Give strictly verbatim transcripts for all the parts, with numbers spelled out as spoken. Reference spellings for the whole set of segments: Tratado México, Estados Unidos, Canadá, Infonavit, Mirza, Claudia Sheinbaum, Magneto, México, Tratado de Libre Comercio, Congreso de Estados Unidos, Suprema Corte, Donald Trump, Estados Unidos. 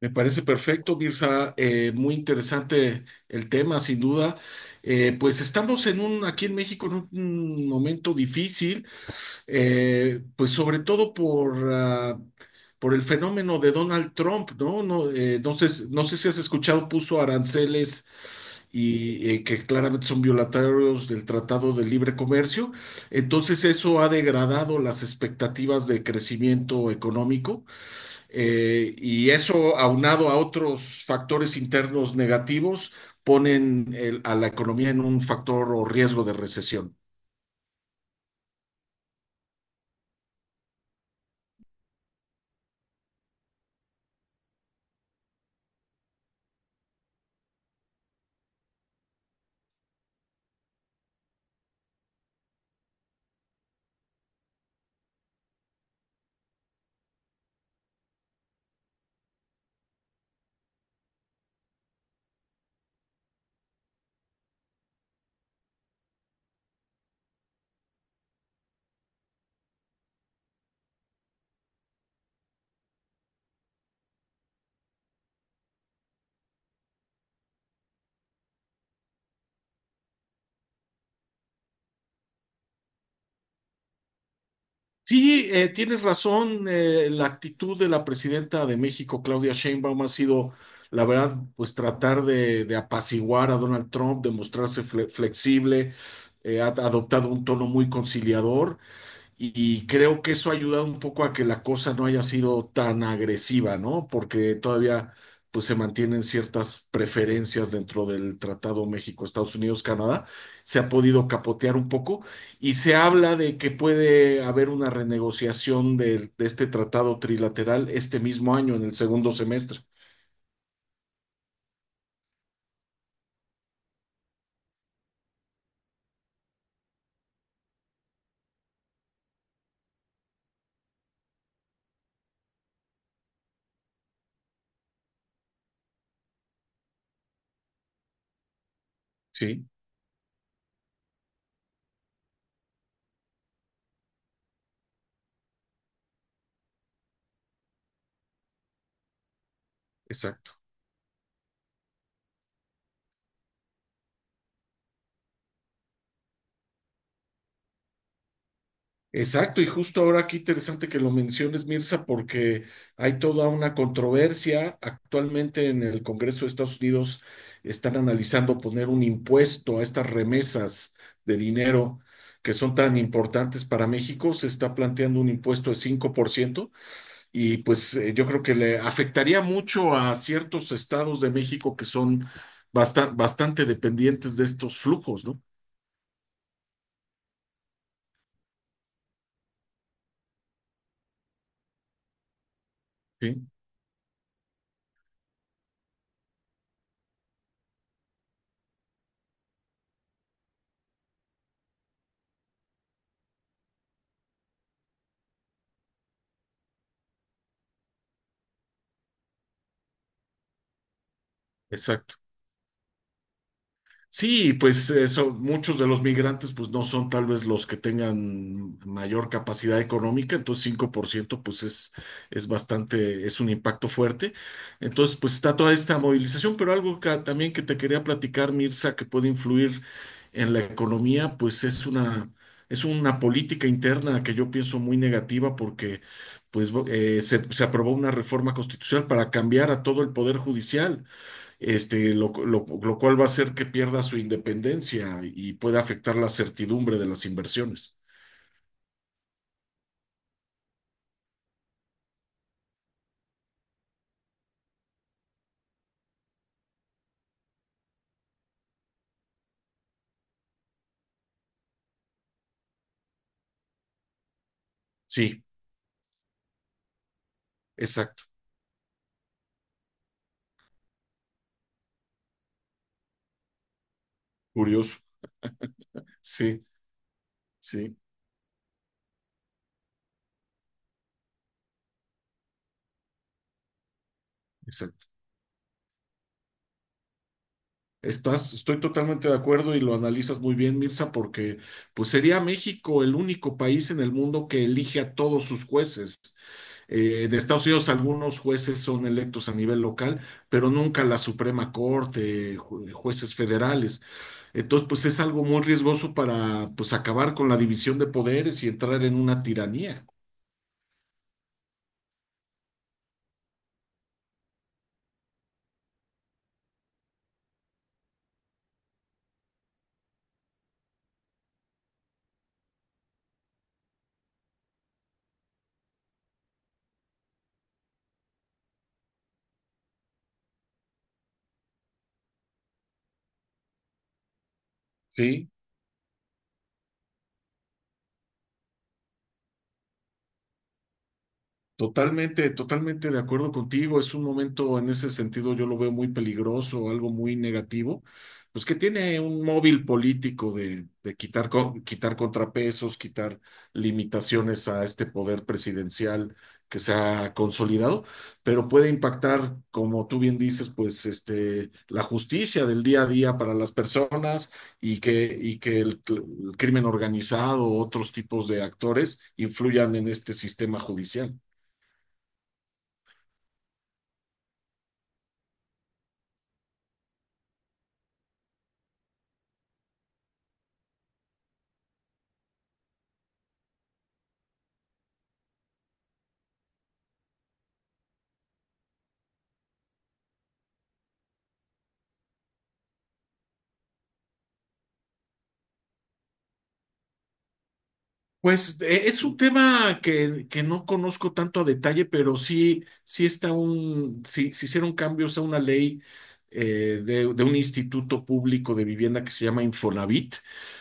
Me parece perfecto, Mirza. Eh, muy interesante el tema, sin duda. Eh, pues estamos en un, aquí en México en un, un momento difícil, eh, pues sobre todo por, ah, por el fenómeno de Donald Trump, ¿no? No, eh, no sé, no sé si has escuchado, puso aranceles y eh, que claramente son violatorios del Tratado de Libre Comercio. Entonces eso ha degradado las expectativas de crecimiento económico. Eh, y eso, aunado a otros factores internos negativos, ponen el- a la economía en un factor o riesgo de recesión. Sí, eh, tienes razón. Eh, la actitud de la presidenta de México, Claudia Sheinbaum, ha sido, la verdad, pues tratar de, de apaciguar a Donald Trump, de mostrarse fle- flexible, eh, ha adoptado un tono muy conciliador. Y creo que eso ha ayudado un poco a que la cosa no haya sido tan agresiva, ¿no? Porque todavía pues se mantienen ciertas preferencias dentro del Tratado México, Estados Unidos, Canadá. Se ha podido capotear un poco y se habla de que puede haber una renegociación del- de, este tratado trilateral este mismo año, en el segundo semestre. Sí, exacto. Exacto, y justo ahora qué interesante que lo menciones, Mirza, porque hay toda una controversia. Actualmente en el Congreso de Estados Unidos están analizando poner un impuesto a estas remesas de dinero que son tan importantes para México. Se está planteando un impuesto de cinco por ciento y pues eh, yo creo que le afectaría mucho a ciertos estados de México que son basta- bastante dependientes de estos flujos, ¿no? Sí, exacto. Sí, pues eso, muchos de los migrantes pues no son tal vez los que tengan mayor capacidad económica, entonces cinco por ciento, pues es, es bastante, es un impacto fuerte. Entonces pues está toda esta movilización, pero algo que, también que te quería platicar, Mirza, que puede influir en la economía, pues es una, es una política interna que yo pienso muy negativa porque pues bo- eh, se, se aprobó una reforma constitucional para cambiar a todo el poder judicial este, lo, lo- lo cual va a hacer que pierda su independencia y puede afectar la certidumbre de las inversiones. Sí, exacto, curioso. Sí, sí, exacto. Estás, estoy totalmente de acuerdo y lo analizas muy bien, Mirza, porque pues sería México el único país en el mundo que elige a todos sus jueces. Eh, de Estados Unidos algunos jueces son electos a nivel local, pero nunca la Suprema Corte, ju- jueces federales. Entonces, pues es algo muy riesgoso para pues acabar con la división de poderes y entrar en una tiranía. Sí, totalmente, totalmente de acuerdo contigo. Es un momento, en ese sentido, yo lo veo muy peligroso, algo muy negativo. Pues que tiene un móvil político de, de quitar, co- quitar contrapesos, quitar limitaciones a este poder presidencial que se ha consolidado, pero puede impactar, como tú bien dices, pues este, la justicia del día a día para las personas y que, y que el, cl- el crimen organizado, o otros tipos de actores influyan en este sistema judicial. Pues e- es un tema que, que no conozco tanto a detalle, pero sí, sí está un, sí, se hicieron cambios a una ley eh, de, de un instituto público de vivienda que se llama Infonavit.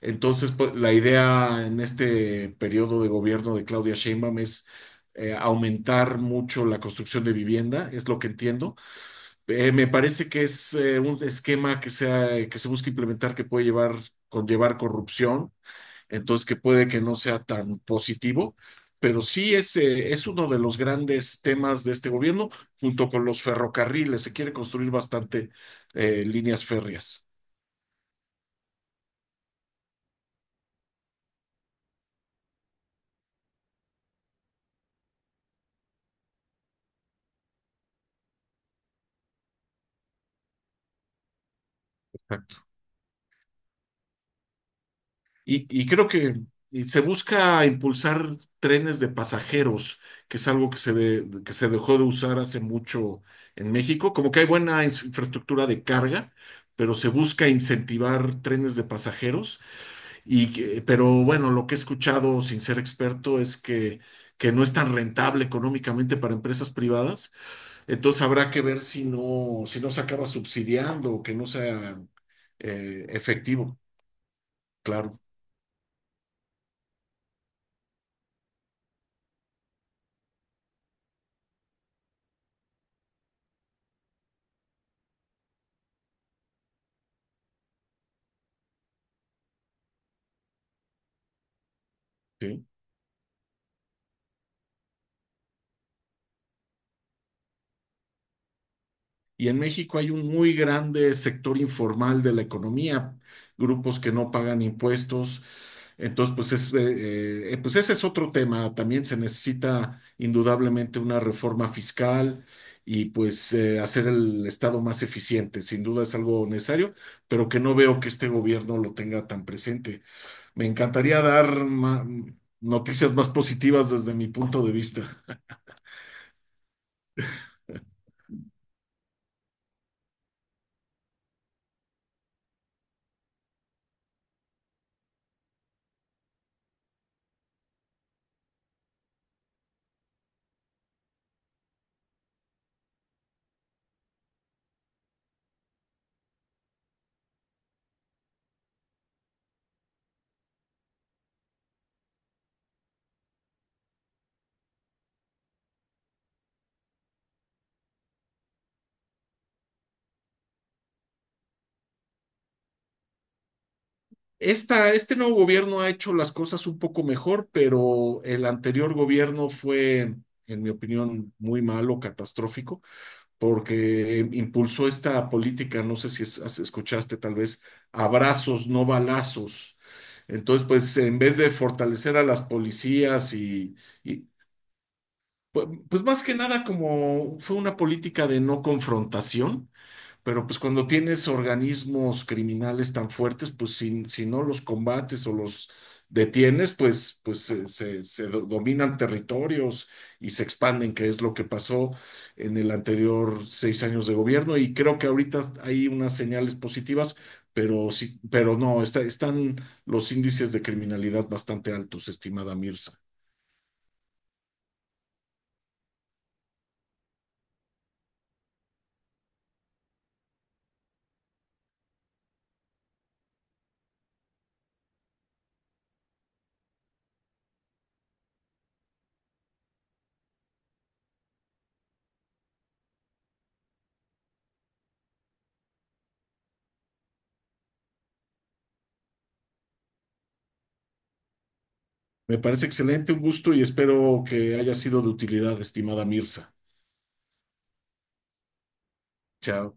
Entonces, pues, la idea en este periodo de gobierno de Claudia Sheinbaum es eh, aumentar mucho la construcción de vivienda, es lo que entiendo. Eh, me parece que es eh, un esquema que sea, que se busca implementar que puede llevar, conllevar corrupción, entonces que puede que no sea tan positivo, pero sí es, eh, es uno de los grandes temas de este gobierno, junto con los ferrocarriles, se quiere construir bastante eh, líneas férreas. Y, y creo que y se busca impulsar trenes de pasajeros, que es algo que se, de- que se dejó de usar hace mucho en México. Como que hay buena ins- infraestructura de carga, pero se busca incentivar trenes de pasajeros. Y que- pero bueno, lo que he escuchado sin ser experto es que, que no es tan rentable económicamente para empresas privadas. Entonces habrá que ver si no, si no se acaba subsidiando o que no sea eh, efectivo. Claro, sí. Y en México hay un muy grande sector informal de la economía, grupos que no pagan impuestos. Entonces, pues, es, eh, eh, pues ese es otro tema. También se necesita indudablemente una reforma fiscal y pues eh, hacer el Estado más eficiente. Sin duda es algo necesario, pero que no veo que este gobierno lo tenga tan presente. Me encantaría dar ma- noticias más positivas desde mi punto de vista. Esta, este nuevo gobierno ha hecho las cosas un poco mejor, pero el anterior gobierno fue, en mi opinión, muy malo, catastrófico, porque impulsó esta política, no sé si es- as- escuchaste tal vez, abrazos, no balazos. Entonces, pues en vez de fortalecer a las policías y, y, pu- pues más que nada como fue una política de no confrontación, pero pues cuando tienes organismos criminales tan fuertes, pues si, si no los combates o los detienes, pues, pues se, se- se do- dominan territorios y se expanden, que es lo que pasó en el anterior seis años de gobierno. Y creo que ahorita hay unas señales positivas, pero sí, pero no, está- están los índices de criminalidad bastante altos, estimada Mirza. Me parece excelente, un gusto y espero que haya sido de utilidad, estimada Mirza. Chao.